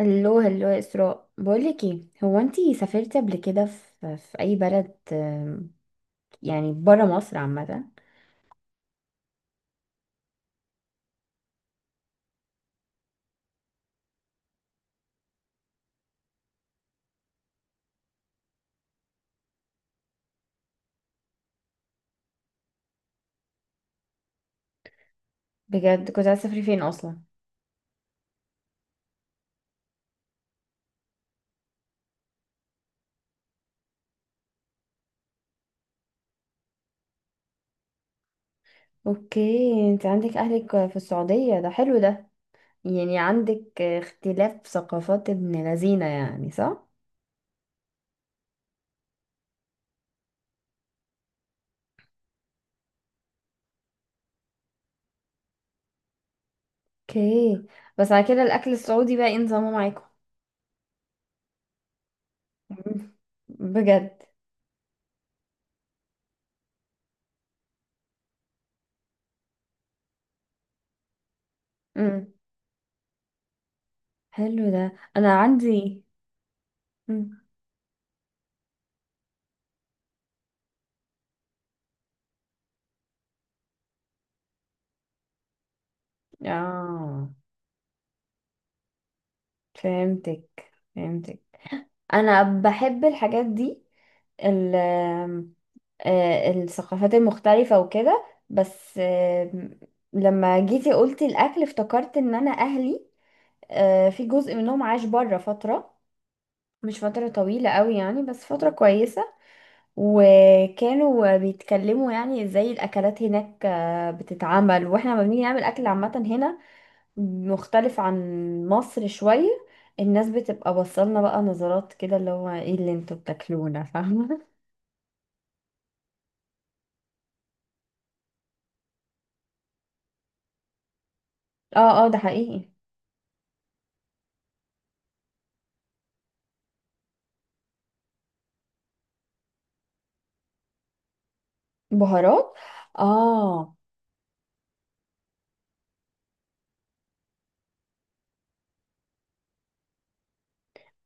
هلو هلو يا اسراء، بقولك ايه، هو انتي سافرتي قبل كده في اي بلد؟ يعني برا مصر عامه. بجد كنت عايزه تسافري فين اصلا؟ اوكي، انت عندك اهلك في السعوديه، ده حلو ده. يعني عندك اختلاف ثقافات ابن لذينه، يعني صح. اوكي. بس على كده الاكل السعودي بقى ايه نظامه معاكم؟ مم. بجد؟ امم حلو ده، انا عندي. مم. اه، فهمتك فهمتك، انا بحب الحاجات دي. ال الثقافات المختلفة وكده، بس لما جيتي قلتي الأكل افتكرت إن أنا أهلي، في جزء منهم عاش بره فترة. مش فترة طويلة قوي يعني، بس فترة كويسة. وكانوا بيتكلموا يعني ازاي الأكلات هناك بتتعمل، واحنا لما بنيجي نعمل أكل عامة هنا مختلف عن مصر شوية. الناس بتبقى بصلنا بقى نظرات كده، اللي هو ايه اللي انتوا بتاكلونا، فاهمة؟ اه اه، ده حقيقي. بهارات. اه.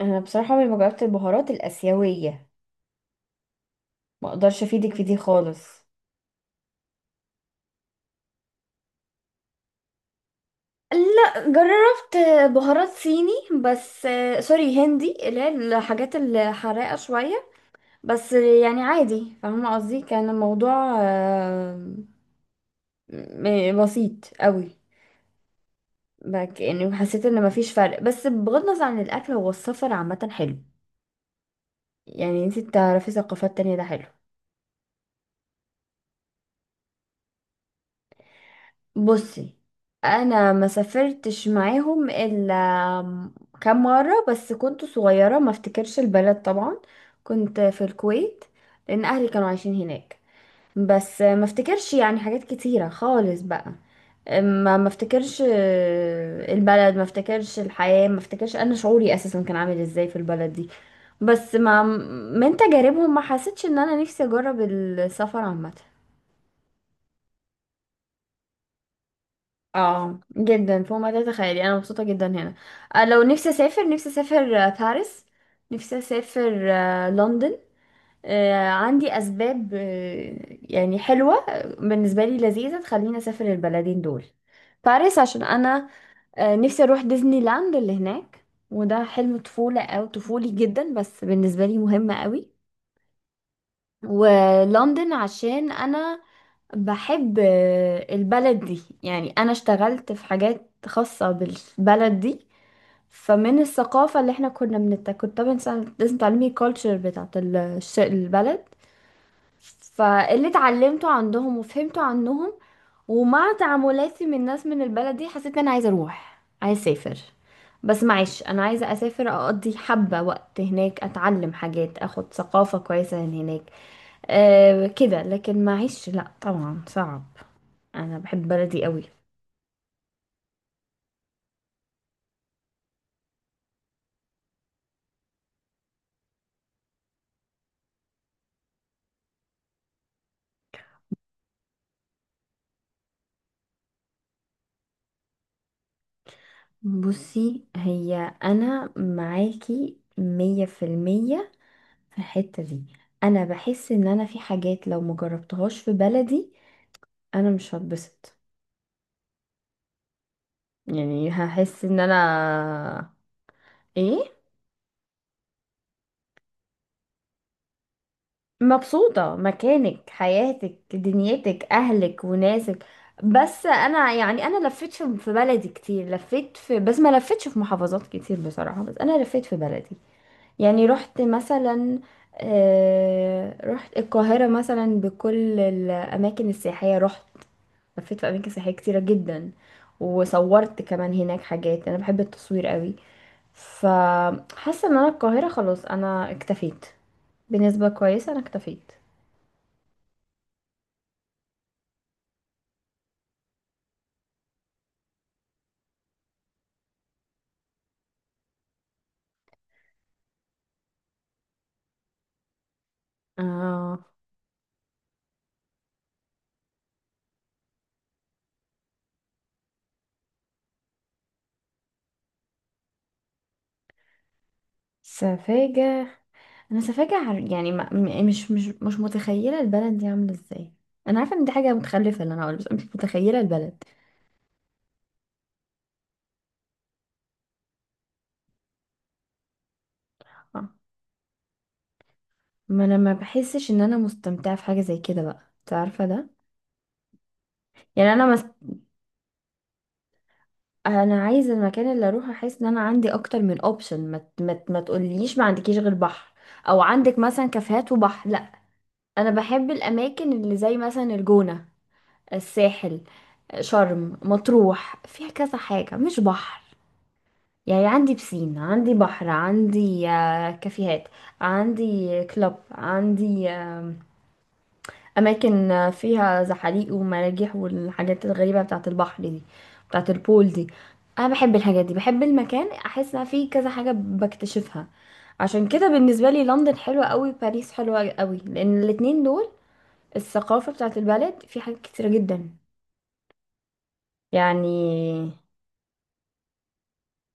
انا بصراحة عمري ما جربت البهارات الآسيوية، ما اقدرش افيدك في دي خالص. لا، جربت بهارات صيني، بس سوري هندي، اللي هي الحاجات الحراقة شوية. بس يعني عادي، فاهمة قصدي، كان الموضوع بسيط قوي. بك يعني حسيت ان مفيش فرق، بس بغض النظر عن الاكل هو السفر عامة حلو. يعني انت تعرفي ثقافات تانية، ده حلو. بصي، انا ما سافرتش معاهم الا كام مرة، بس كنت صغيرة ما افتكرش البلد طبعا. كنت في الكويت، لان اهلي كانوا عايشين هناك. بس ما افتكرش يعني حاجات كتيرة خالص بقى. ما افتكرش البلد، ما افتكرش الحياة، ما افتكرش انا شعوري اساسا كان عامل ازاي في البلد دي. بس ما من تجاربهم ما حسيتش ان انا نفسي اجرب السفر عامه. اه جدا، فوق ما تتخيلي، انا مبسوطه جدا هنا. لو نفسي اسافر، نفسي اسافر باريس، نفسي اسافر لندن. عندي اسباب يعني حلوه بالنسبه لي لذيذه تخليني اسافر البلدين دول. باريس عشان انا نفسي اروح ديزني لاند اللي هناك، وده حلم طفوله او طفولي جدا، بس بالنسبه لي مهم قوي. ولندن عشان انا بحب البلد دي، يعني انا اشتغلت في حاجات خاصة بالبلد دي. فمن الثقافة اللي احنا كنا كنت طبعا لازم تعلمي الكالتشر بتاعت البلد، فاللي اتعلمته عندهم وفهمته عنهم ومع تعاملاتي من الناس من البلد دي حسيت ان انا عايزة اروح، عايزة اسافر. بس معيش، انا عايزة اسافر اقضي حبة وقت هناك، اتعلم حاجات، اخد ثقافة كويسة من هناك. أه كده. لكن معيش، لا طبعا، صعب، انا بحب بلدي قوي. بصي هي انا معاكي 100% في الحتة دي. انا بحس ان انا في حاجات لو مجربتهاش في بلدي انا مش هتبسط، يعني هحس ان انا ايه. مبسوطة مكانك، حياتك، دنيتك، اهلك وناسك. بس انا يعني، انا لفيت في بلدي كتير، لفيت في، بس ما لفيتش في محافظات كتير بصراحة، بس انا لفيت في بلدي. يعني رحت مثلا رحت القاهرة مثلا، بكل الأماكن السياحية رحت، لفيت في أماكن سياحية كتيرة جدا، وصورت كمان هناك حاجات، أنا بحب التصوير قوي. فحاسة إن أنا القاهرة خلاص، أنا اكتفيت، بنسبة كويسة أنا اكتفيت. اه سفاجة، أنا سفاجة يعني ما م- مش متخيلة البلد دي عاملة ازاي. أنا عارفة إن دي حاجة متخلفة اللي أنا هقولها، بس أنا مش متخيلة البلد. ما انا ما بحسش ان انا مستمتعه في حاجه زي كده بقى، انت عارفه ده. يعني انا مس... انا عايزه المكان اللي اروح احس ان انا عندي اكتر من اوبشن. ما تقوليش ما عندكيش غير بحر، او عندك مثلا كافيهات وبحر، لا. انا بحب الاماكن اللي زي مثلا الجونه، الساحل، شرم، مطروح، فيها كذا حاجه مش بحر. يعني عندي بسين، عندي بحر، عندي كافيهات، عندي كلوب، عندي اماكن فيها زحاليق ومراجيح والحاجات الغريبه بتاعه البحر دي، بتاعه البول دي. انا بحب الحاجات دي، بحب المكان احس ان فيه كذا حاجه بكتشفها. عشان كده بالنسبه لي لندن حلوه قوي، باريس حلوه قوي، لان الاتنين دول الثقافه بتاعه البلد في حاجات كتيره جدا. يعني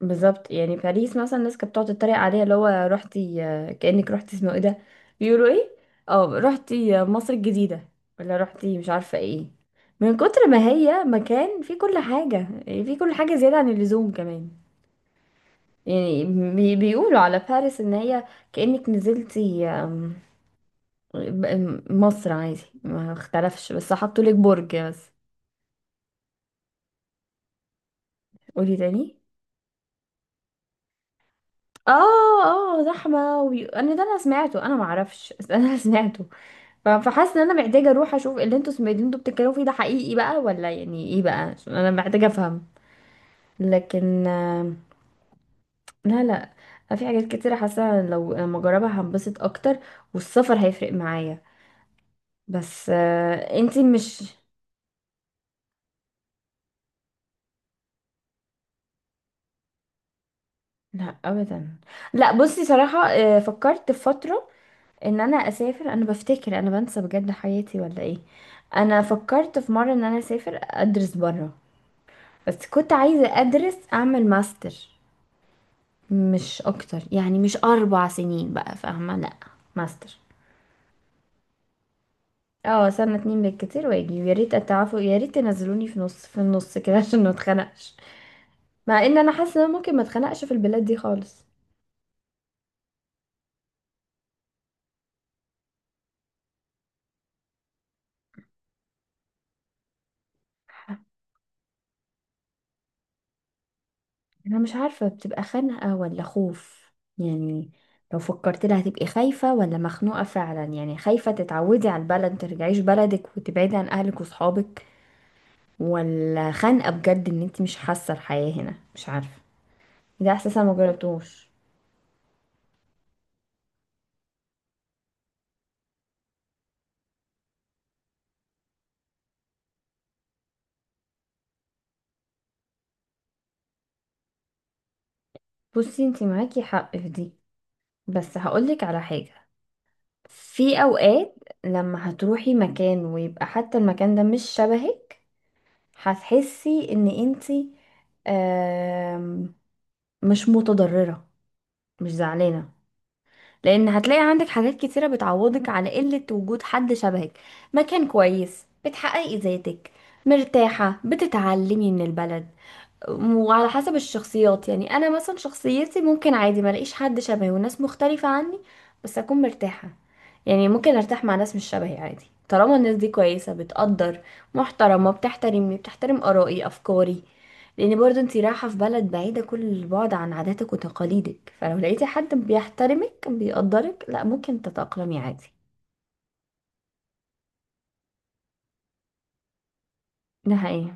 بالظبط. يعني باريس مثلا الناس كانت بتقعد تتريق عليها، اللي هو رحتي كأنك رحتي اسمه ايه ده، بيقولوا ايه، اه، رحتي مصر الجديدة، ولا رحتي مش عارفة ايه. من كتر ما هي مكان فيه كل حاجة، يعني فيه كل حاجة زيادة عن اللزوم كمان. يعني بيقولوا على باريس ان هي كأنك نزلتي مصر، عادي ما اختلفش، بس حطوا لك برج بس. قولي تاني. اه. اه، زحمة انا ده انا سمعته، انا معرفش بس انا سمعته. فحاسه ان انا محتاجه اروح اشوف اللي انتوا اللي انتوا بتتكلموا فيه ده حقيقي بقى ولا يعني ايه بقى، عشان انا محتاجه افهم. لكن لا لا، في حاجات كتيره حاسه لو لما اجربها هنبسط اكتر، والسفر هيفرق معايا. بس انتي مش. لا ابدا. لا، بصي صراحه فكرت في فتره ان انا اسافر، انا بفتكر، انا بنسى بجد حياتي ولا ايه، انا فكرت في مره ان انا اسافر ادرس بره، بس كنت عايزه ادرس اعمل ماستر، مش اكتر، يعني مش 4 سنين بقى، فاهمة، لا، ماستر. اه، سنة اتنين بالكتير واجي، ويا ريت اتعافوا، يا ريت تنزلوني في نص في النص كده عشان ما اتخنقش، مع ان انا حاسة ان أنا ممكن ما اتخنقش في البلاد دي خالص. انا مش عارفة بتبقى خنقة ولا خوف، يعني لو فكرت لها هتبقي خايفة ولا مخنوقة فعلا، يعني خايفة تتعودي على البلد مترجعيش بلدك وتبعدي عن اهلك وصحابك، ولا خنقة بجد ان انت مش حاسة الحياة هنا، مش عارفة، ده احساس انا مجربتوش. بصي، انتي معاكي حق في دي، بس هقولك على حاجة. في اوقات لما هتروحي مكان ويبقى حتى المكان ده مش شبهك، هتحسي ان انتي آم، مش متضررة، مش زعلانة، لان هتلاقي عندك حاجات كتيرة بتعوضك على قلة وجود حد شبهك، مكان كويس، بتحققي ذاتك، مرتاحة، بتتعلمي من البلد. وعلى حسب الشخصيات، يعني انا مثلا شخصيتي ممكن عادي ما الاقيش حد شبهي والناس مختلفة عني بس اكون مرتاحة. يعني ممكن ارتاح مع ناس مش شبهي عادي، طالما الناس دي كويسة بتقدر، محترمة بتحترمني، بتحترم آرائي أفكاري، لأن برضو انتي رايحة في بلد بعيدة كل البعد عن عاداتك وتقاليدك، فلو لقيتي حد بيحترمك بيقدرك، لا ممكن تتأقلمي عادي. ده حقيقي.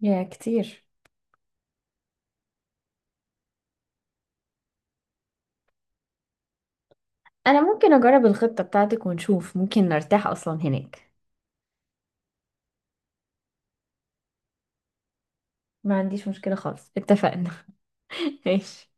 يا كتير. أنا ممكن أجرب الخطة بتاعتك ونشوف ممكن نرتاح أصلا هناك. ما عنديش مشكلة خالص، اتفقنا. ماشي.